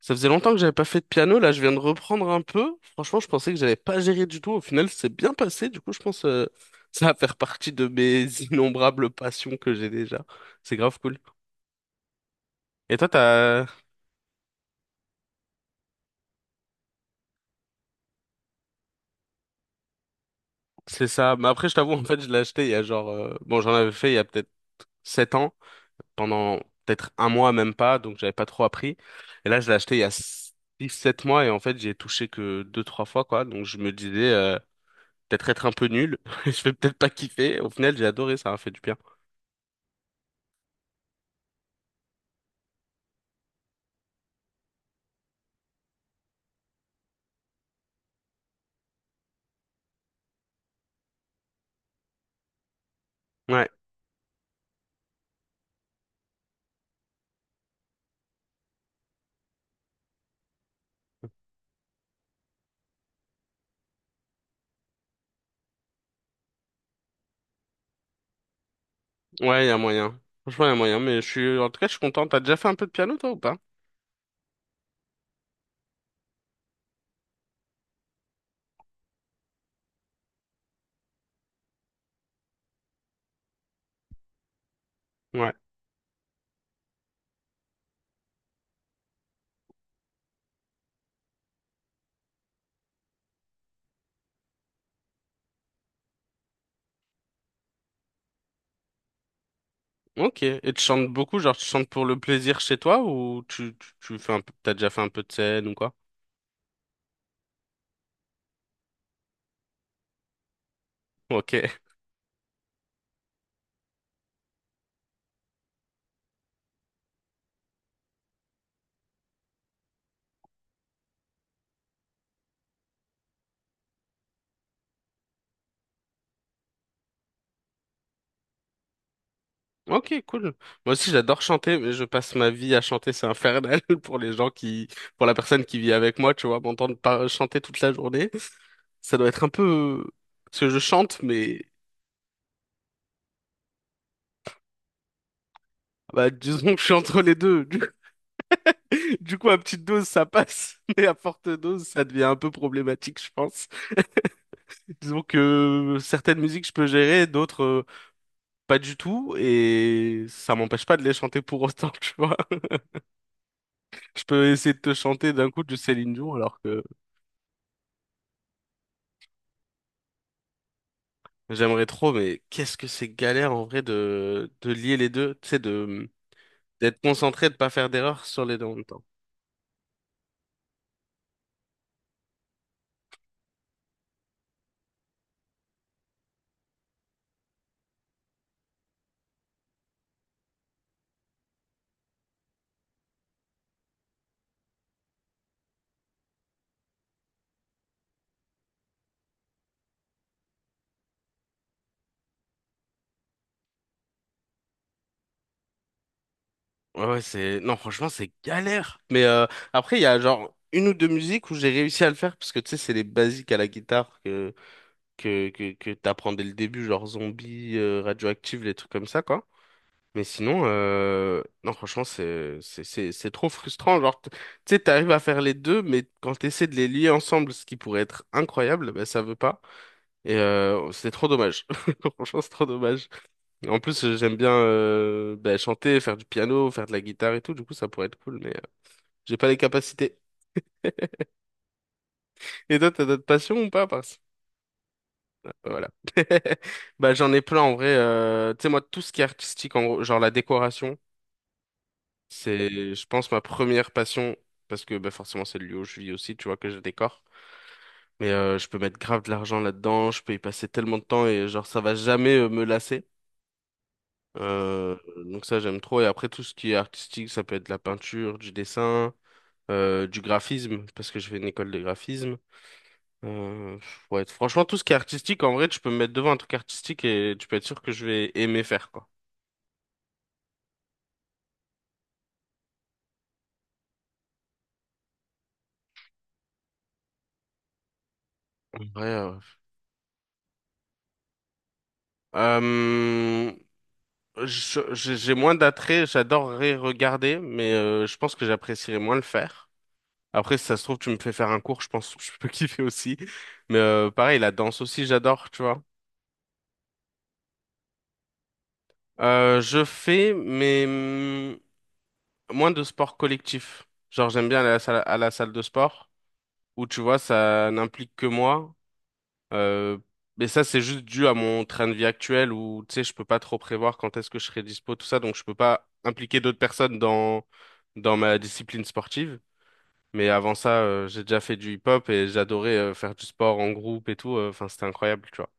Ça faisait longtemps que j'avais pas fait de piano, là je viens de reprendre un peu. Franchement, je pensais que j'avais pas géré du tout. Au final, c'est bien passé. Du coup, je pense ça va faire partie de mes innombrables passions que j'ai déjà. C'est grave cool. Et toi, t'as... C'est ça. Mais après, je t'avoue, en fait, je l'ai acheté il y a genre... Bon, j'en avais fait il y a peut-être 7 ans, pendant peut-être un mois, même pas, donc j'avais pas trop appris. Et là, je l'ai acheté il y a 6, 7 mois et en fait, j'y ai touché que 2, 3 fois, quoi. Donc je me disais... Peut-être être un peu nul, je vais peut-être pas kiffer. Au final, j'ai adoré, ça m'a fait du bien. Ouais, ouais, il y a moyen. Franchement, il y a moyen, mais je suis, en tout cas, je suis content. T'as déjà fait un peu de piano, toi, ou pas? Ouais. Ok. Et tu chantes beaucoup, genre, tu chantes pour le plaisir chez toi, ou tu fais un peu, t'as déjà fait un peu de scène ou quoi? Ok. Ok, cool. Moi aussi, j'adore chanter, mais je passe ma vie à chanter. C'est infernal pour les gens qui, pour la personne qui vit avec moi, tu vois, m'entendre pas chanter toute la journée. Ça doit être un peu, parce que je chante, mais, bah, disons que je suis entre les deux. Du coup, à petite dose, ça passe, mais à forte dose, ça devient un peu problématique, je pense. Disons que certaines musiques, je peux gérer, d'autres, pas du tout, et ça m'empêche pas de les chanter pour autant, tu vois. Je peux essayer de te chanter d'un coup du Céline Dion, alors que j'aimerais trop, mais qu'est-ce que c'est galère en vrai de lier les deux, tu sais, de, d'être concentré, de pas faire d'erreur sur les deux. Ouais, ouais, c'est... Non, franchement, c'est galère. Mais après, il y a genre une ou deux musiques où j'ai réussi à le faire, parce que tu sais, c'est les basiques à la guitare que, que t'apprends dès le début, genre zombie, radioactive, les trucs comme ça, quoi. Mais sinon, non, franchement, c'est trop frustrant. Genre, tu sais, t'arrives à faire les deux, mais quand t'essaies de les lier ensemble, ce qui pourrait être incroyable, ben, ça veut pas. Et c'est trop dommage. Franchement, c'est trop dommage. En plus, j'aime bien bah, chanter, faire du piano, faire de la guitare et tout. Du coup, ça pourrait être cool, mais j'ai pas les capacités. Et toi, t'as d'autres passions ou pas? Parce... Voilà. Bah, j'en ai plein en vrai. Tu sais, moi, tout ce qui est artistique, en gros, genre la décoration, c'est, je pense, ma première passion. Parce que bah, forcément, c'est le lieu où je vis aussi, tu vois, que je décore. Mais je peux mettre grave de l'argent là-dedans, je peux y passer tellement de temps et genre, ça va jamais me lasser. Euh, donc ça, j'aime trop. Et après, tout ce qui est artistique, ça peut être de la peinture, du dessin. Du graphisme, parce que j'ai fait une école de graphisme. Euh, ouais, franchement, tout ce qui est artistique, en vrai, tu peux me mettre devant un truc artistique et tu peux être sûr que je vais aimer faire, quoi. En vrai, euh, j'ai moins d'attrait, j'adorerais regarder, mais je pense que j'apprécierais moins le faire. Après, si ça se trouve, tu me fais faire un cours, je pense que je peux kiffer aussi. Mais pareil, la danse aussi, j'adore, tu vois. Je fais, mais moins de sport collectif. Genre, j'aime bien aller à la salle de sport. Où tu vois, ça n'implique que moi. Euh, mais ça, c'est juste dû à mon train de vie actuel où, tu sais, je peux pas trop prévoir quand est-ce que je serai dispo, tout ça, donc je peux pas impliquer d'autres personnes dans dans ma discipline sportive. Mais avant ça, j'ai déjà fait du hip-hop et j'adorais faire du sport en groupe et tout. Enfin, c'était incroyable, tu vois.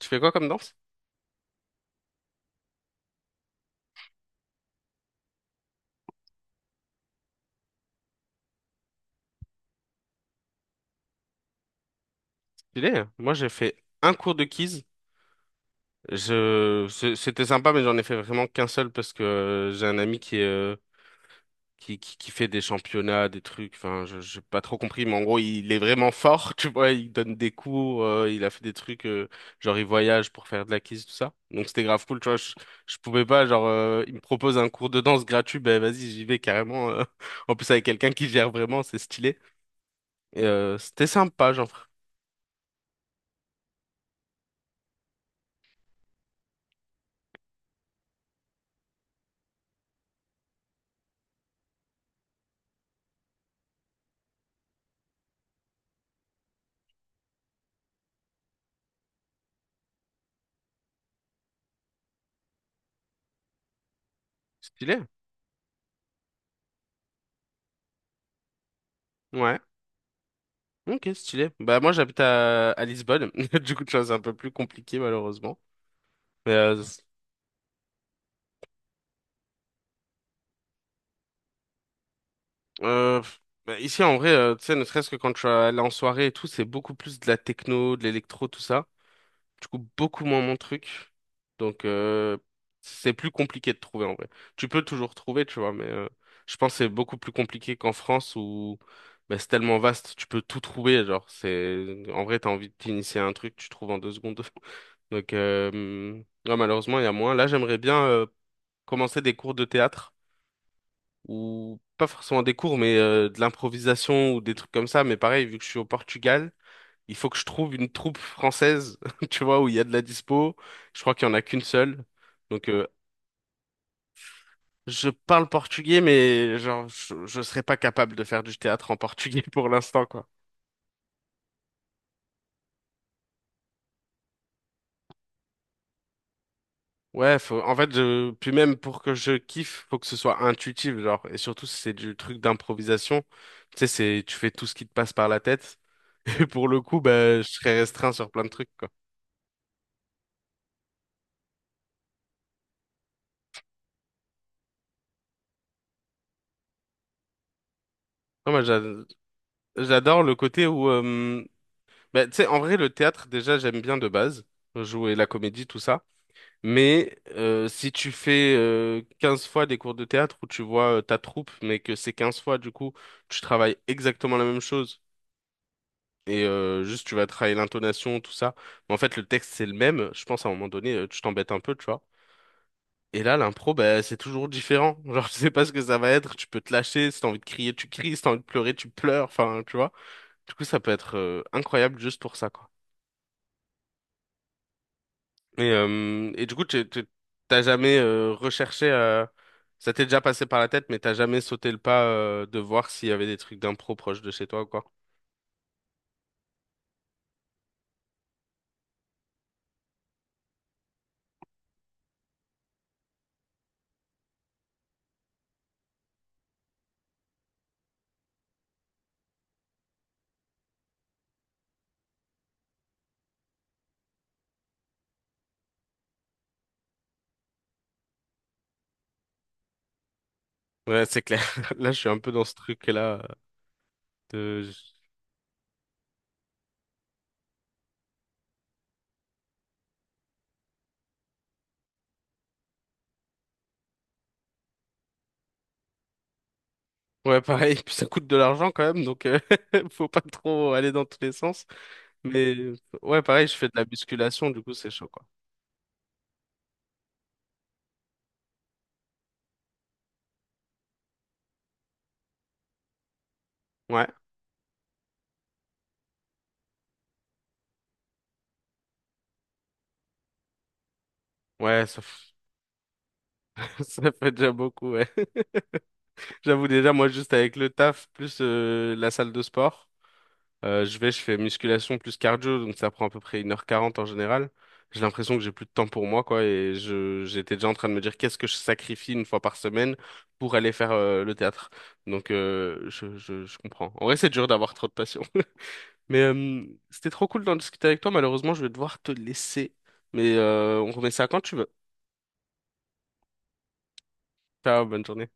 Tu fais quoi comme danse? Stylé. Hein. Moi, j'ai fait un cours de keys. Je, c'était sympa, mais j'en ai fait vraiment qu'un seul parce que j'ai un ami qui est qui fait des championnats, des trucs, enfin, j'ai pas trop compris, mais en gros, il est vraiment fort, tu vois, il donne des cours, il a fait des trucs, genre, il voyage pour faire de la kiss, tout ça. Donc, c'était grave cool, tu vois, je pouvais pas, genre, il me propose un cours de danse gratuit, ben, vas-y, j'y vais carrément, en plus, avec quelqu'un qui gère vraiment, c'est stylé. Et, c'était sympa, genre, stylé, ouais. Ok, stylé. Bah moi j'habite à Lisbonne, du coup tu vois c'est un peu plus compliqué malheureusement. Mais Euh, bah, ici, en vrai, tu sais, ne serait-ce que quand je suis allé en soirée et tout, c'est beaucoup plus de la techno, de l'électro, tout ça. Du coup, beaucoup moins mon truc. Donc, c'est plus compliqué de trouver, en vrai. Tu peux toujours trouver, tu vois, mais je pense que c'est beaucoup plus compliqué qu'en France où bah, c'est tellement vaste, tu peux tout trouver. Genre, c'est... En vrai, t'as envie de t'initier à un truc, tu trouves en 2 secondes. Donc, ouais, malheureusement, il y a moins. Là, j'aimerais bien commencer des cours de théâtre ou pas forcément des cours, mais de l'improvisation ou des trucs comme ça. Mais pareil, vu que je suis au Portugal, il faut que je trouve une troupe française, tu vois, où il y a de la dispo. Je crois qu'il y en a qu'une seule. Donc, je parle portugais, mais genre, je serais pas capable de faire du théâtre en portugais pour l'instant, quoi. Ouais, faut, en fait, je, puis même pour que je kiffe, faut que ce soit intuitif, genre, et surtout si c'est du truc d'improvisation, tu sais, c'est, tu fais tout ce qui te passe par la tête, et pour le coup, bah, je serais restreint sur plein de trucs, quoi. Non, moi, j'adore le côté où, bah, tu sais, en vrai, le théâtre, déjà, j'aime bien de base, jouer la comédie, tout ça. Mais si tu fais 15 fois des cours de théâtre où tu vois ta troupe, mais que c'est 15 fois, du coup, tu travailles exactement la même chose. Et juste, tu vas travailler l'intonation, tout ça. Mais en fait, le texte, c'est le même. Je pense, à un moment donné, tu t'embêtes un peu, tu vois. Et là, l'impro, bah, c'est toujours différent. Genre, tu sais pas ce que ça va être. Tu peux te lâcher. Si t'as envie de crier, tu cries. Si t'as envie de pleurer, tu pleures. Enfin, tu vois. Du coup, ça peut être incroyable juste pour ça, quoi. Et du coup, t'as jamais recherché, ça t'est déjà passé par la tête, mais t'as jamais sauté le pas de voir s'il y avait des trucs d'impro proche de chez toi ou quoi. Ouais, c'est clair. Là, je suis un peu dans ce truc-là de... Ouais, pareil, puis ça coûte de l'argent quand même, donc faut pas trop aller dans tous les sens. Mais ouais, pareil, je fais de la musculation, du coup, c'est chaud, quoi. Ouais, ouais, ça fait déjà beaucoup, ouais. J'avoue déjà, moi, juste avec le taf, plus la salle de sport, je vais, je fais musculation plus cardio, donc ça prend à peu près 1h40 en général. J'ai l'impression que j'ai plus de temps pour moi, quoi, et j'étais déjà en train de me dire qu'est-ce que je sacrifie une fois par semaine pour aller faire le théâtre. Donc, je comprends. En vrai, c'est dur d'avoir trop de passion. Mais c'était trop cool d'en discuter avec toi. Malheureusement, je vais devoir te laisser. Mais on remet ça quand tu veux. Ciao, bonne journée.